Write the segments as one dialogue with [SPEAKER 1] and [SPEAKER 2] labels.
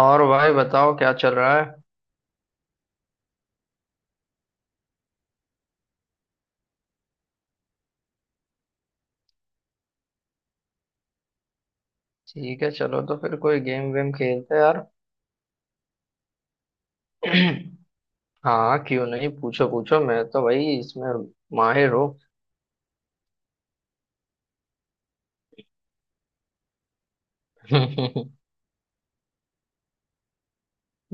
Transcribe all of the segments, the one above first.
[SPEAKER 1] और भाई बताओ क्या चल रहा है। ठीक है, चलो तो फिर कोई गेम वेम खेलते हैं यार। हाँ क्यों नहीं, पूछो पूछो मैं तो भाई इसमें माहिर हूँ। बोलिए।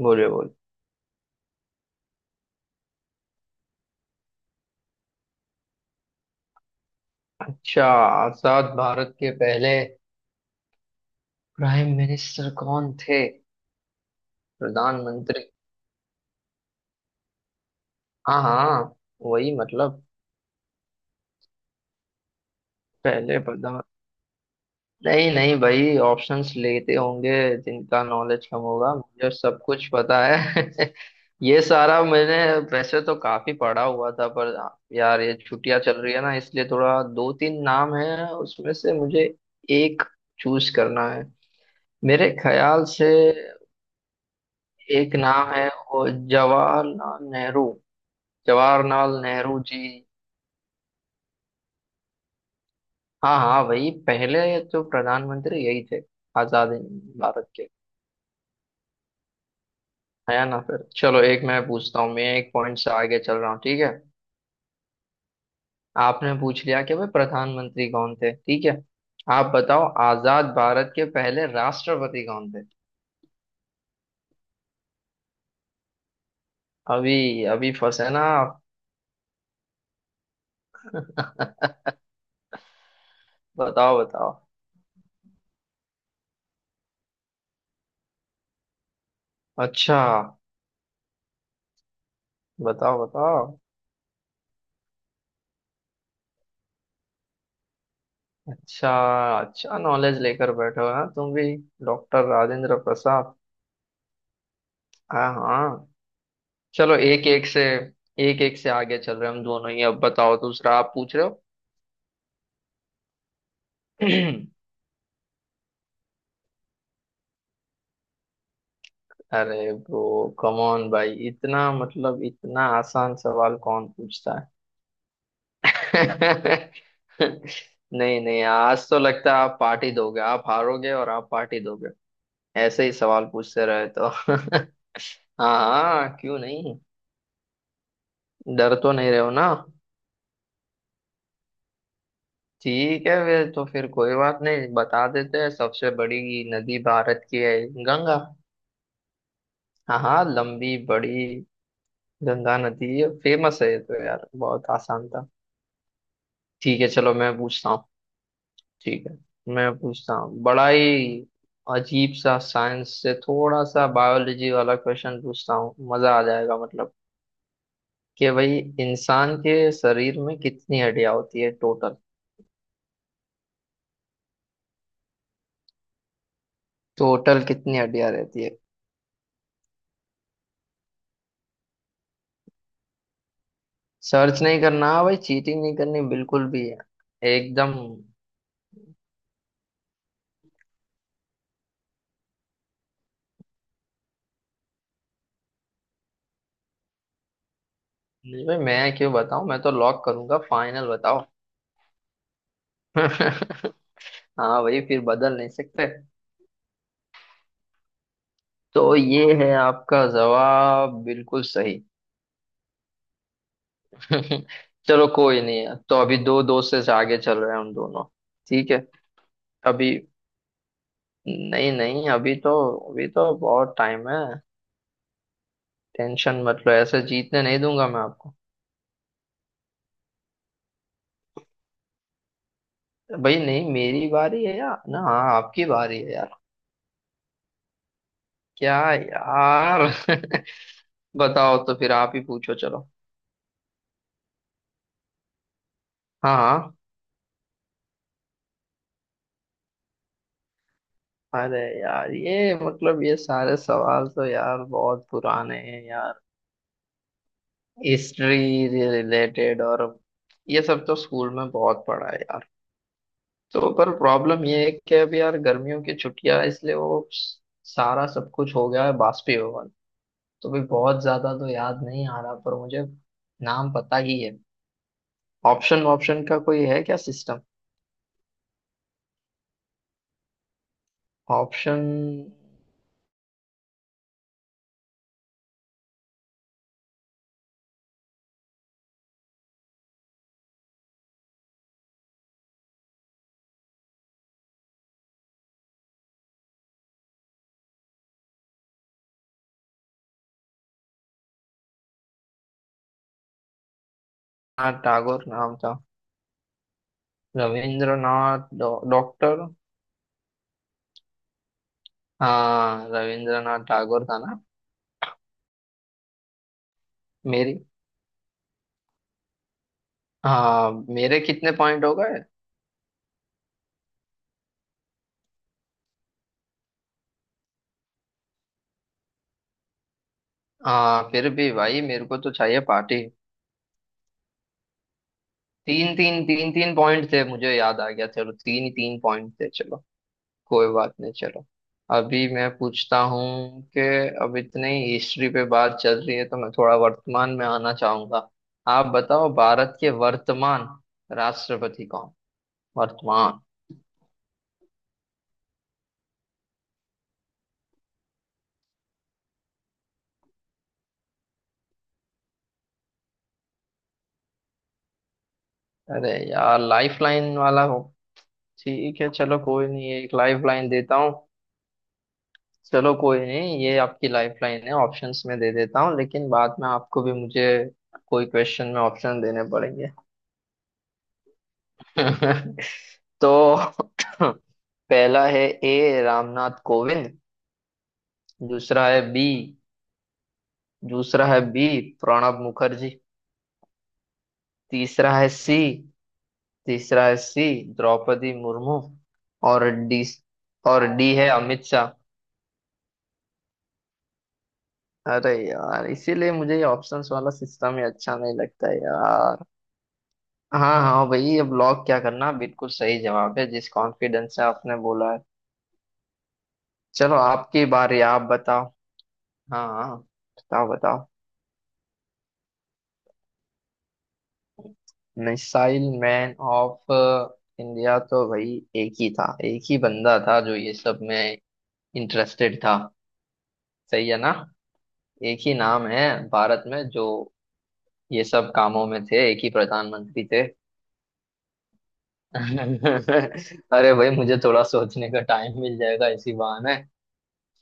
[SPEAKER 1] बोल। अच्छा, आजाद भारत के पहले प्राइम मिनिस्टर कौन थे? प्रधानमंत्री। हाँ हाँ, वही मतलब। पहले प्रधान। नहीं नहीं भाई, ऑप्शंस लेते होंगे जिनका नॉलेज कम होगा, मुझे सब कुछ पता है। ये सारा मैंने वैसे तो काफी पढ़ा हुआ था पर यार ये छुट्टियां चल रही है ना, इसलिए थोड़ा दो तीन नाम है उसमें से मुझे एक चूज करना है मेरे ख्याल से। एक नाम है वो, जवाहरलाल नेहरू। जवाहरलाल नेहरू जी। हाँ हाँ, वही पहले तो प्रधानमंत्री यही थे आजाद हिंद भारत के। है ना? फिर चलो एक मैं पूछता हूँ, मैं एक पॉइंट से आगे चल रहा हूँ ठीक है। आपने पूछ लिया कि भाई प्रधानमंत्री कौन थे, ठीक है। आप बताओ, आजाद भारत के पहले राष्ट्रपति कौन थे? अभी अभी फंसे ना आप। बताओ बताओ। अच्छा। बताओ बताओ। अच्छा। अच्छा नॉलेज लेकर बैठे हो ना तुम भी। डॉक्टर राजेंद्र प्रसाद। हाँ हाँ, चलो एक एक से आगे चल रहे हैं हम दोनों ही। अब बताओ, दूसरा आप पूछ रहे हो। अरे ब्रो, कम ऑन भाई, इतना मतलब इतना आसान सवाल कौन पूछता है? नहीं नहीं, आज तो लगता है आप पार्टी दोगे, आप हारोगे और आप पार्टी दोगे ऐसे ही सवाल पूछते रहे तो। हाँ हाँ क्यों नहीं। डर तो नहीं रहे हो ना? ठीक है, वे तो फिर कोई बात नहीं, बता देते हैं। सबसे बड़ी नदी भारत की है गंगा। हाँ हाँ, लंबी बड़ी गंगा नदी फेमस है, ये तो यार बहुत आसान था। ठीक है चलो मैं पूछता हूँ। ठीक है, मैं पूछता हूँ बड़ा ही अजीब सा, साइंस से थोड़ा सा बायोलॉजी वाला क्वेश्चन पूछता हूँ, मजा आ जाएगा मतलब। कि भाई, इंसान के शरीर में कितनी हड्डियां होती है टोटल? टोटल कितनी हड्डियां रहती है? सर्च नहीं करना भाई, चीटिंग नहीं करनी बिल्कुल भी है। एकदम। नहीं भाई, मैं क्यों बताऊं, मैं तो लॉक करूंगा, फाइनल बताओ। हाँ भाई, फिर बदल नहीं सकते। तो ये है आपका जवाब, बिल्कुल सही। चलो कोई नहीं, है तो अभी दो दोस्त से आगे चल रहे हैं हम दोनों। ठीक है। अभी, नहीं नहीं, अभी तो बहुत टाइम है। टेंशन मत लो, ऐसे जीतने नहीं दूंगा मैं आपको। भाई नहीं, मेरी बारी है यार ना। हाँ आपकी बारी है यार। क्या यार। बताओ तो फिर आप ही पूछो चलो। हाँ हाँ। अरे यार ये मतलब ये सारे सवाल तो यार बहुत पुराने हैं यार। हिस्ट्री रिलेटेड और ये सब तो स्कूल में बहुत पढ़ा है यार। तो पर प्रॉब्लम ये है कि अब यार गर्मियों की छुट्टियां, इसलिए वो सारा सब कुछ हो गया है बाष्पीभवन, तो भी बहुत ज्यादा तो याद नहीं आ रहा पर मुझे नाम पता ही है। ऑप्शन ऑप्शन का कोई है क्या सिस्टम? ऑप्शन। हाँ, टैगोर नाम था। रविंद्रनाथ डॉक्टर। हाँ रविंद्रनाथ टैगोर था ना। मेरी, हाँ मेरे कितने पॉइंट हो गए? हाँ फिर भी भाई मेरे को तो चाहिए पार्टी। तीन तीन पॉइंट थे, मुझे याद आ गया, चलो तीन ही तीन पॉइंट थे चलो। कोई बात नहीं चलो। अभी मैं पूछता हूँ कि, अब इतनी हिस्ट्री पे बात चल रही है तो मैं थोड़ा वर्तमान में आना चाहूंगा। आप बताओ, भारत के वर्तमान राष्ट्रपति कौन? वर्तमान। अरे यार, लाइफ लाइन वाला हो? ठीक है चलो कोई नहीं, एक लाइफ लाइन देता हूँ। चलो कोई नहीं, ये आपकी लाइफ लाइन है, ऑप्शंस में दे देता हूँ, लेकिन बाद में आपको भी मुझे कोई क्वेश्चन में ऑप्शन देने पड़ेंगे। तो पहला है ए, रामनाथ कोविंद। दूसरा है बी, दूसरा है बी प्रणब मुखर्जी। तीसरा है सी, तीसरा है सी द्रौपदी मुर्मू। और डी, है अमित शाह। अरे यार, इसीलिए मुझे ये ऑप्शंस वाला सिस्टम ही अच्छा नहीं लगता है यार। हाँ हाँ भाई, अब लॉक क्या करना, बिल्कुल सही जवाब है, जिस कॉन्फिडेंस से आपने बोला है। चलो आपकी बारी, आप बताओ। हाँ हाँ। बताओ बताओ। मिसाइल मैन ऑफ इंडिया तो भाई एक ही था, एक ही बंदा था जो ये सब में इंटरेस्टेड था। सही है ना? एक ही नाम है भारत में जो ये सब कामों में थे, एक ही प्रधानमंत्री थे। अरे भाई, मुझे थोड़ा सोचने का टाइम मिल जाएगा इसी बहाने,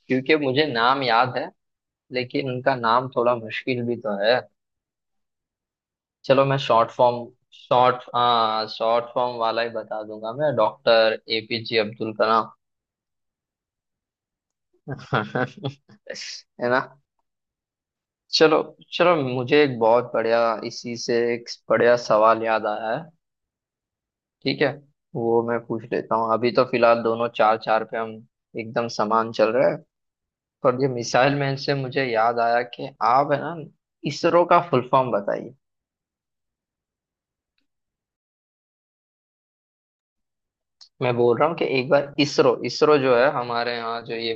[SPEAKER 1] क्योंकि मुझे नाम याद है लेकिन उनका नाम थोड़ा मुश्किल भी तो है। चलो मैं शॉर्ट फॉर्म, शॉर्ट फॉर्म वाला ही बता दूंगा मैं, डॉक्टर एपीजे अब्दुल कलाम। है ना? चलो, चलो मुझे एक बहुत बढ़िया, इसी से एक बढ़िया सवाल याद आया है। ठीक है वो मैं पूछ लेता हूँ, अभी तो फिलहाल दोनों चार चार पे हम एकदम समान चल रहे हैं। पर ये मिसाइल मैन से मुझे याद आया कि आप है ना, इसरो का फुल फॉर्म बताइए। मैं बोल रहा हूँ कि एक बार इसरो, जो है हमारे यहाँ जो ये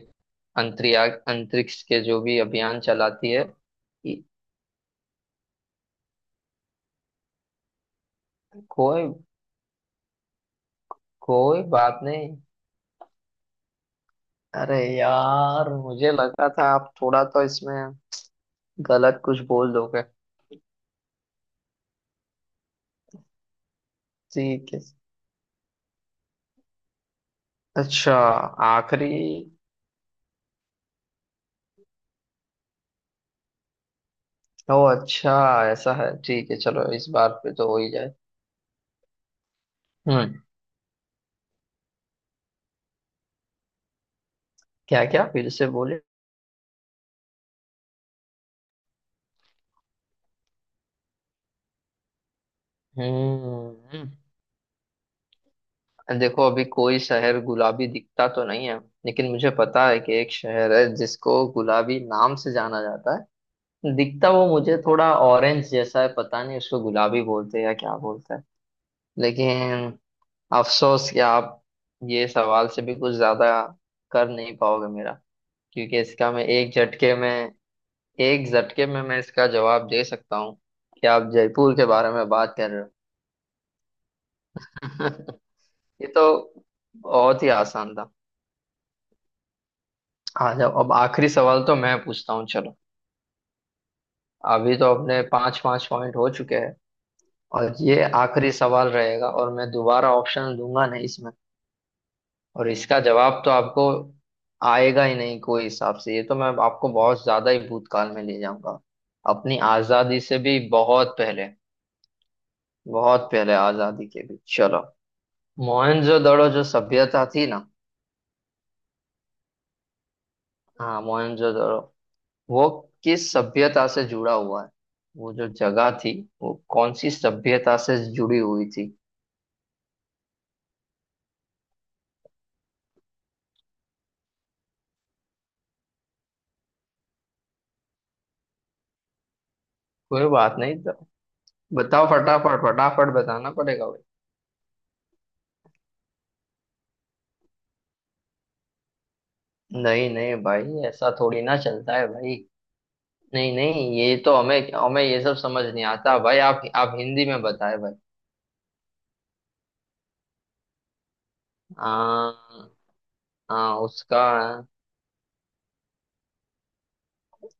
[SPEAKER 1] अंतरिक्ष अंतरिक्ष के जो भी अभियान चलाती है। इ- कोई, कोई बात नहीं। अरे यार, मुझे लगा था आप थोड़ा तो इसमें गलत कुछ बोल दोगे। ठीक है। अच्छा, आखिरी। ओ अच्छा, ऐसा है, ठीक है चलो, इस बार पे तो हो ही जाए। हम्म। क्या क्या, फिर से बोले। हम्म। देखो, अभी कोई शहर गुलाबी दिखता तो नहीं है, लेकिन मुझे पता है कि एक शहर है जिसको गुलाबी नाम से जाना जाता है। दिखता वो मुझे थोड़ा ऑरेंज जैसा है, पता नहीं उसको गुलाबी बोलते हैं या क्या बोलते हैं, लेकिन अफसोस कि आप ये सवाल से भी कुछ ज्यादा कर नहीं पाओगे मेरा, क्योंकि इसका मैं एक झटके में, मैं इसका जवाब दे सकता हूँ कि आप जयपुर के बारे में बात कर रहे हो। ये तो बहुत ही आसान था। आ जाओ, अब आखिरी सवाल तो मैं पूछता हूँ चलो। अभी तो अपने पांच पांच पॉइंट हो चुके हैं, और ये आखिरी सवाल रहेगा और मैं दोबारा ऑप्शन दूंगा नहीं इसमें, और इसका जवाब तो आपको आएगा ही नहीं कोई हिसाब से, ये तो मैं आपको बहुत ज्यादा ही भूतकाल में ले जाऊंगा। अपनी आजादी से भी बहुत पहले, बहुत पहले आजादी के भी, चलो। मोहनजोदड़ो जो सभ्यता थी ना। हाँ मोहनजोदड़ो वो किस सभ्यता से जुड़ा हुआ है? वो जो जगह थी वो कौन सी सभ्यता से जुड़ी हुई थी? कोई बात नहीं तो। बताओ फटाफट, फटाफट बताना पड़ेगा भाई। नहीं नहीं भाई, ऐसा थोड़ी ना चलता है भाई। नहीं नहीं, ये तो हमें हमें ये सब समझ नहीं आता भाई, आप हिंदी में बताए भाई। हाँ, हाँ उसका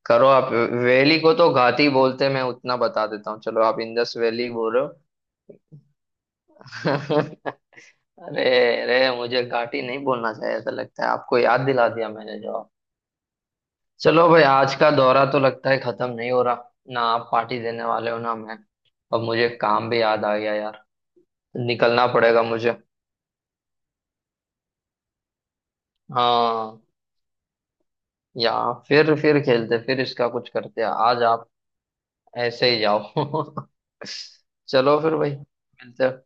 [SPEAKER 1] करो आप। वैली को तो घाटी बोलते हैं, मैं उतना बता देता हूँ, चलो आप इंदस वैली बोल रहे हो। अरे, अरे मुझे घाटी नहीं बोलना चाहिए ऐसा लगता है, आपको याद दिला दिया मैंने जवाब। चलो भाई, आज का दौरा तो लगता है खत्म नहीं हो रहा, ना आप पार्टी देने वाले हो ना मैं। अब मुझे काम भी याद आ गया यार, निकलना पड़ेगा मुझे। हाँ, या फिर खेलते फिर इसका कुछ करते हैं। आज आप ऐसे ही जाओ। चलो फिर भाई, मिलते हैं।